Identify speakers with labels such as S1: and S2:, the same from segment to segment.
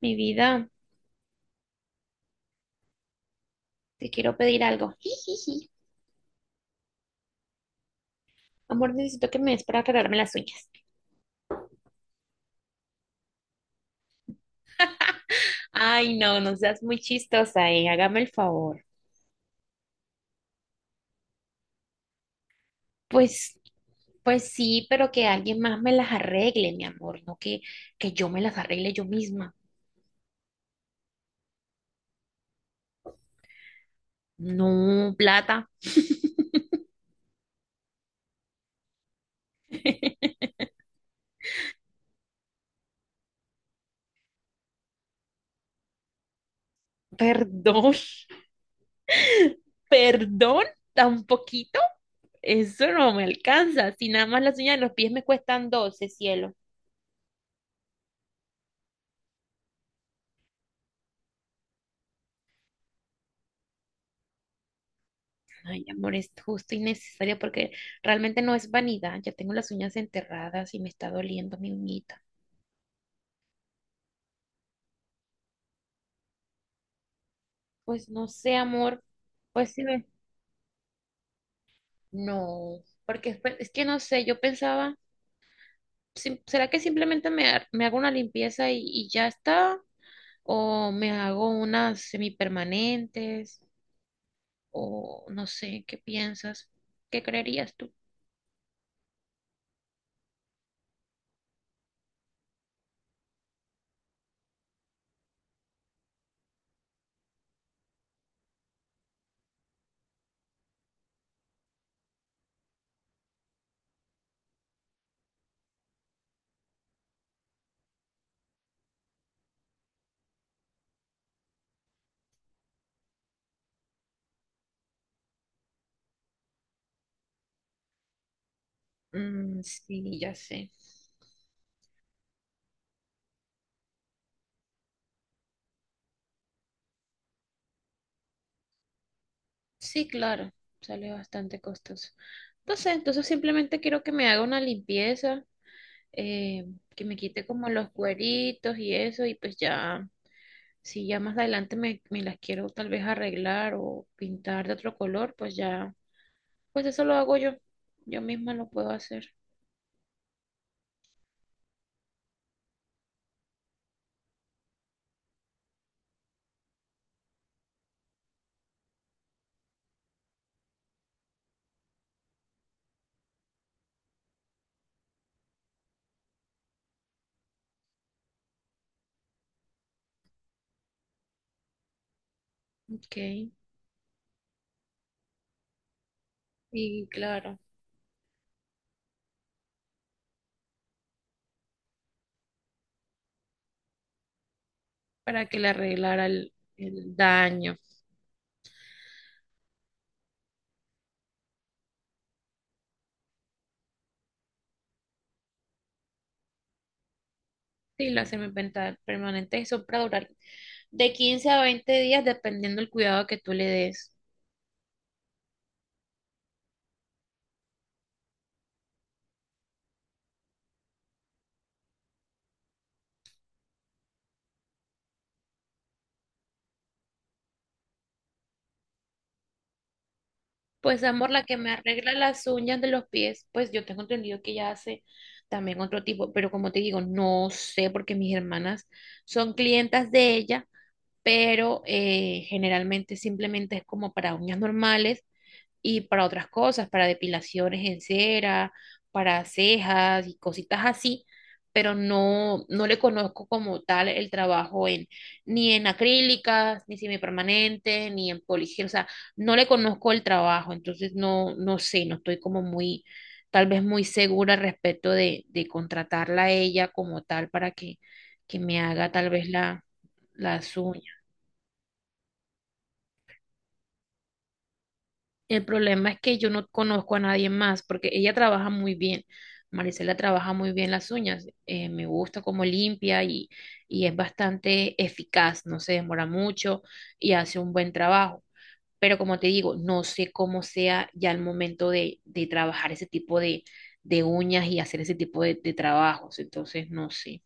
S1: Mi vida, te quiero pedir algo. Jijiji. Amor, necesito que me des para arreglarme las uñas. Ay, no, no seas muy chistosa, eh. Hágame el favor. Pues, pues sí, pero que alguien más me las arregle, mi amor, no que yo me las arregle yo misma. No, plata. Perdón, perdón, tan poquito. Eso no me alcanza. Si nada más las uñas de los pies me cuestan 12, cielo. Ay, amor, es justo y necesario porque realmente no es vanidad. Ya tengo las uñas enterradas y me está doliendo mi uñita. Pues no sé, amor. Pues sí, ve. No, porque es que no sé, yo pensaba, ¿será que simplemente me hago una limpieza y ya está? ¿O me hago unas semipermanentes? ¿O no sé, qué piensas? ¿Qué creerías tú? Mm, sí, ya sé. Sí, claro, sale bastante costoso. Entonces simplemente quiero que me haga una limpieza, eh, que me quite como los cueritos y eso, y pues ya, si ya más adelante me las quiero tal vez arreglar o pintar de otro color, pues ya, pues eso lo hago yo, yo misma lo puedo hacer. Ok, y claro, para que le arreglara el daño. Sí, la semipermanente eso para durar de 15 a 20 días dependiendo del cuidado que tú le des. Pues amor, la que me arregla las uñas de los pies, pues yo tengo entendido que ella hace también otro tipo, pero como te digo, no sé porque mis hermanas son clientas de ella, pero generalmente simplemente es como para uñas normales y para otras cosas, para depilaciones en cera, para cejas y cositas así, pero no, no le conozco como tal el trabajo en, ni en acrílicas, ni semipermanente, ni en poligel, o sea, no le conozco el trabajo, entonces no, no sé, no estoy como muy, tal vez muy segura respecto de contratarla a ella como tal para que me haga tal vez la, la El problema es que yo no conozco a nadie más porque ella trabaja muy bien. Marisela trabaja muy bien las uñas. Me gusta cómo limpia y es bastante eficaz. No se demora mucho y hace un buen trabajo. Pero como te digo, no sé cómo sea ya el momento de trabajar ese tipo de uñas y hacer ese tipo de trabajos. Entonces, no sé.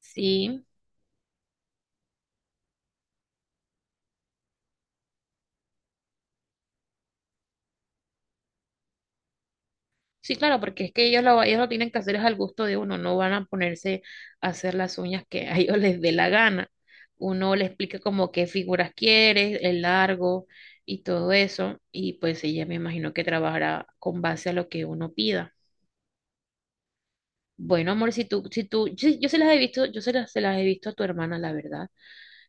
S1: Sí. Sí, claro, porque es que ellos lo tienen que hacer es al gusto de uno, no van a ponerse a hacer las uñas que a ellos les dé la gana. Uno le explica como qué figuras quiere, el largo y todo eso, y pues ella me imagino que trabajará con base a lo que uno pida. Bueno, amor, si tú, si tú, yo se las he visto, se las he visto a tu hermana, la verdad.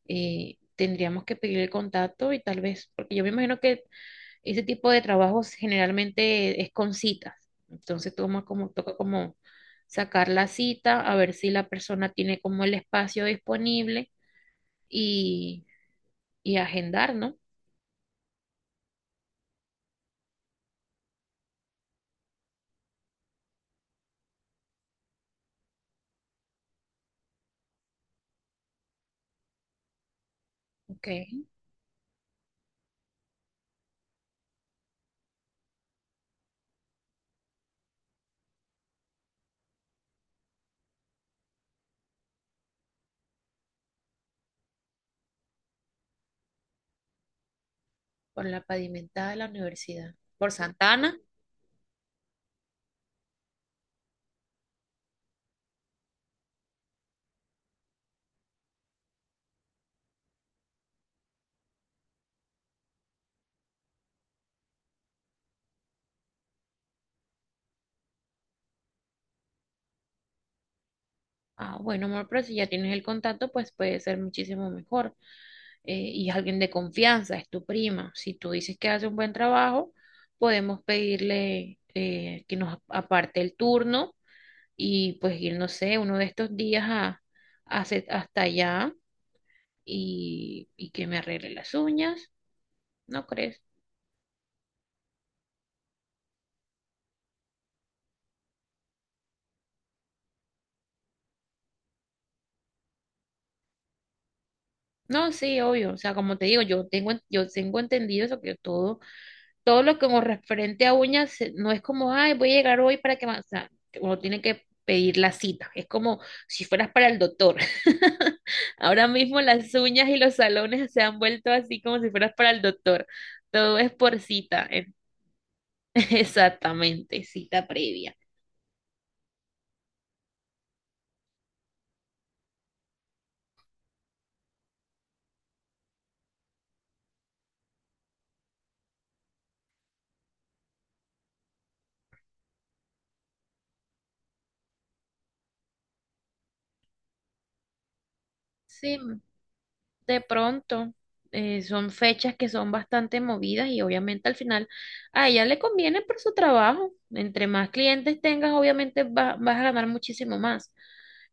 S1: Tendríamos que pedir el contacto y tal vez, porque yo me imagino que ese tipo de trabajos generalmente es con citas. Entonces toca como sacar la cita, a ver si la persona tiene como el espacio disponible y, y agendar, ¿no? Ok, por la pavimentada de la universidad. Por Santana. Ah, bueno, amor, pero si ya tienes el contacto, pues puede ser muchísimo mejor. Y es alguien de confianza, es tu prima. Si tú dices que hace un buen trabajo, podemos pedirle que nos aparte el turno y pues ir, no sé, uno de estos días a hasta allá y que me arregle las uñas, ¿no crees? No, sí, obvio, o sea, como te digo, yo tengo entendido eso, que todo lo que con referente a uñas no es como, ay, voy a llegar hoy para que, me-". O sea, uno tiene que pedir la cita, es como si fueras para el doctor. Ahora mismo las uñas y los salones se han vuelto así como si fueras para el doctor. Todo es por cita, exactamente, cita previa. Sí, de pronto son fechas que son bastante movidas y obviamente al final a ella le conviene por su trabajo. Entre más clientes tengas, obviamente vas a ganar muchísimo más.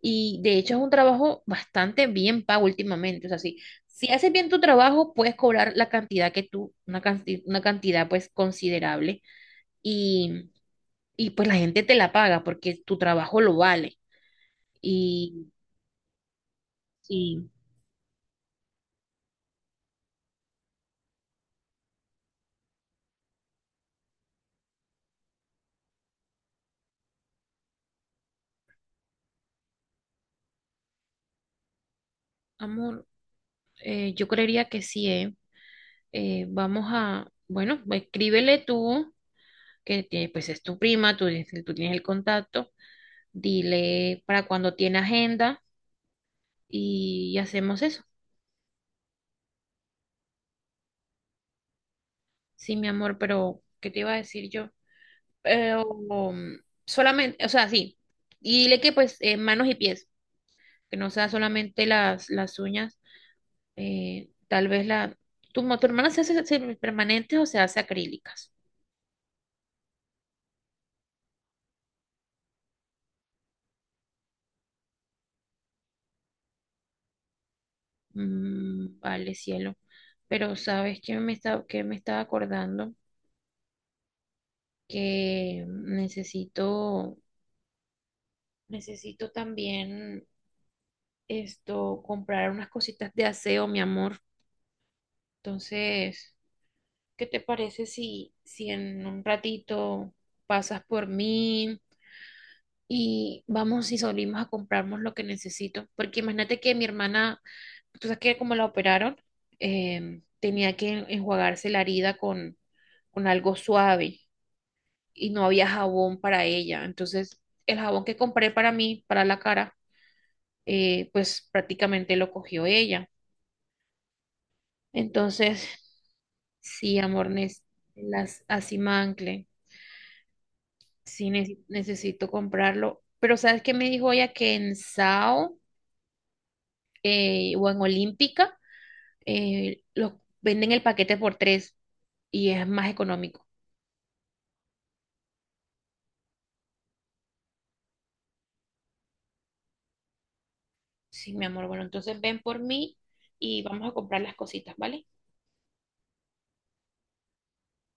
S1: Y de hecho es un trabajo bastante bien pago últimamente. O sea, si, si haces bien tu trabajo, puedes cobrar la cantidad que tú, una cantidad pues considerable y, y pues la gente te la paga porque tu trabajo lo vale. Y, y amor, yo creería que sí, ¿eh? Vamos a, bueno, escríbele tú, que pues es tu prima, tú tienes el contacto, dile para cuando tiene agenda y hacemos eso. Sí, mi amor, pero ¿qué te iba a decir yo? Pero solamente, o sea, sí, y dile que pues manos y pies, que no sea solamente las uñas, eh, tal vez la, tu hermana se hace permanentes o se hace acrílicas. Mm, vale, cielo. Pero sabes que que me estaba acordando que necesito también esto, comprar unas cositas de aseo, mi amor. Entonces, ¿qué te parece si en un ratito pasas por mí y vamos y salimos a comprarnos lo que necesito? Porque imagínate que mi hermana. Entonces, que como la operaron, tenía que enjuagarse la herida con algo suave y no había jabón para ella. Entonces, el jabón que compré para mí, para la cara, pues prácticamente lo cogió ella. Entonces, sí, amor, las Asimancle, sí necesito comprarlo. Pero ¿sabes qué me dijo ella? Que en Sao o en Olímpica los venden el paquete por tres y es más económico. Sí, mi amor. Bueno, entonces ven por mí y vamos a comprar las cositas, ¿vale?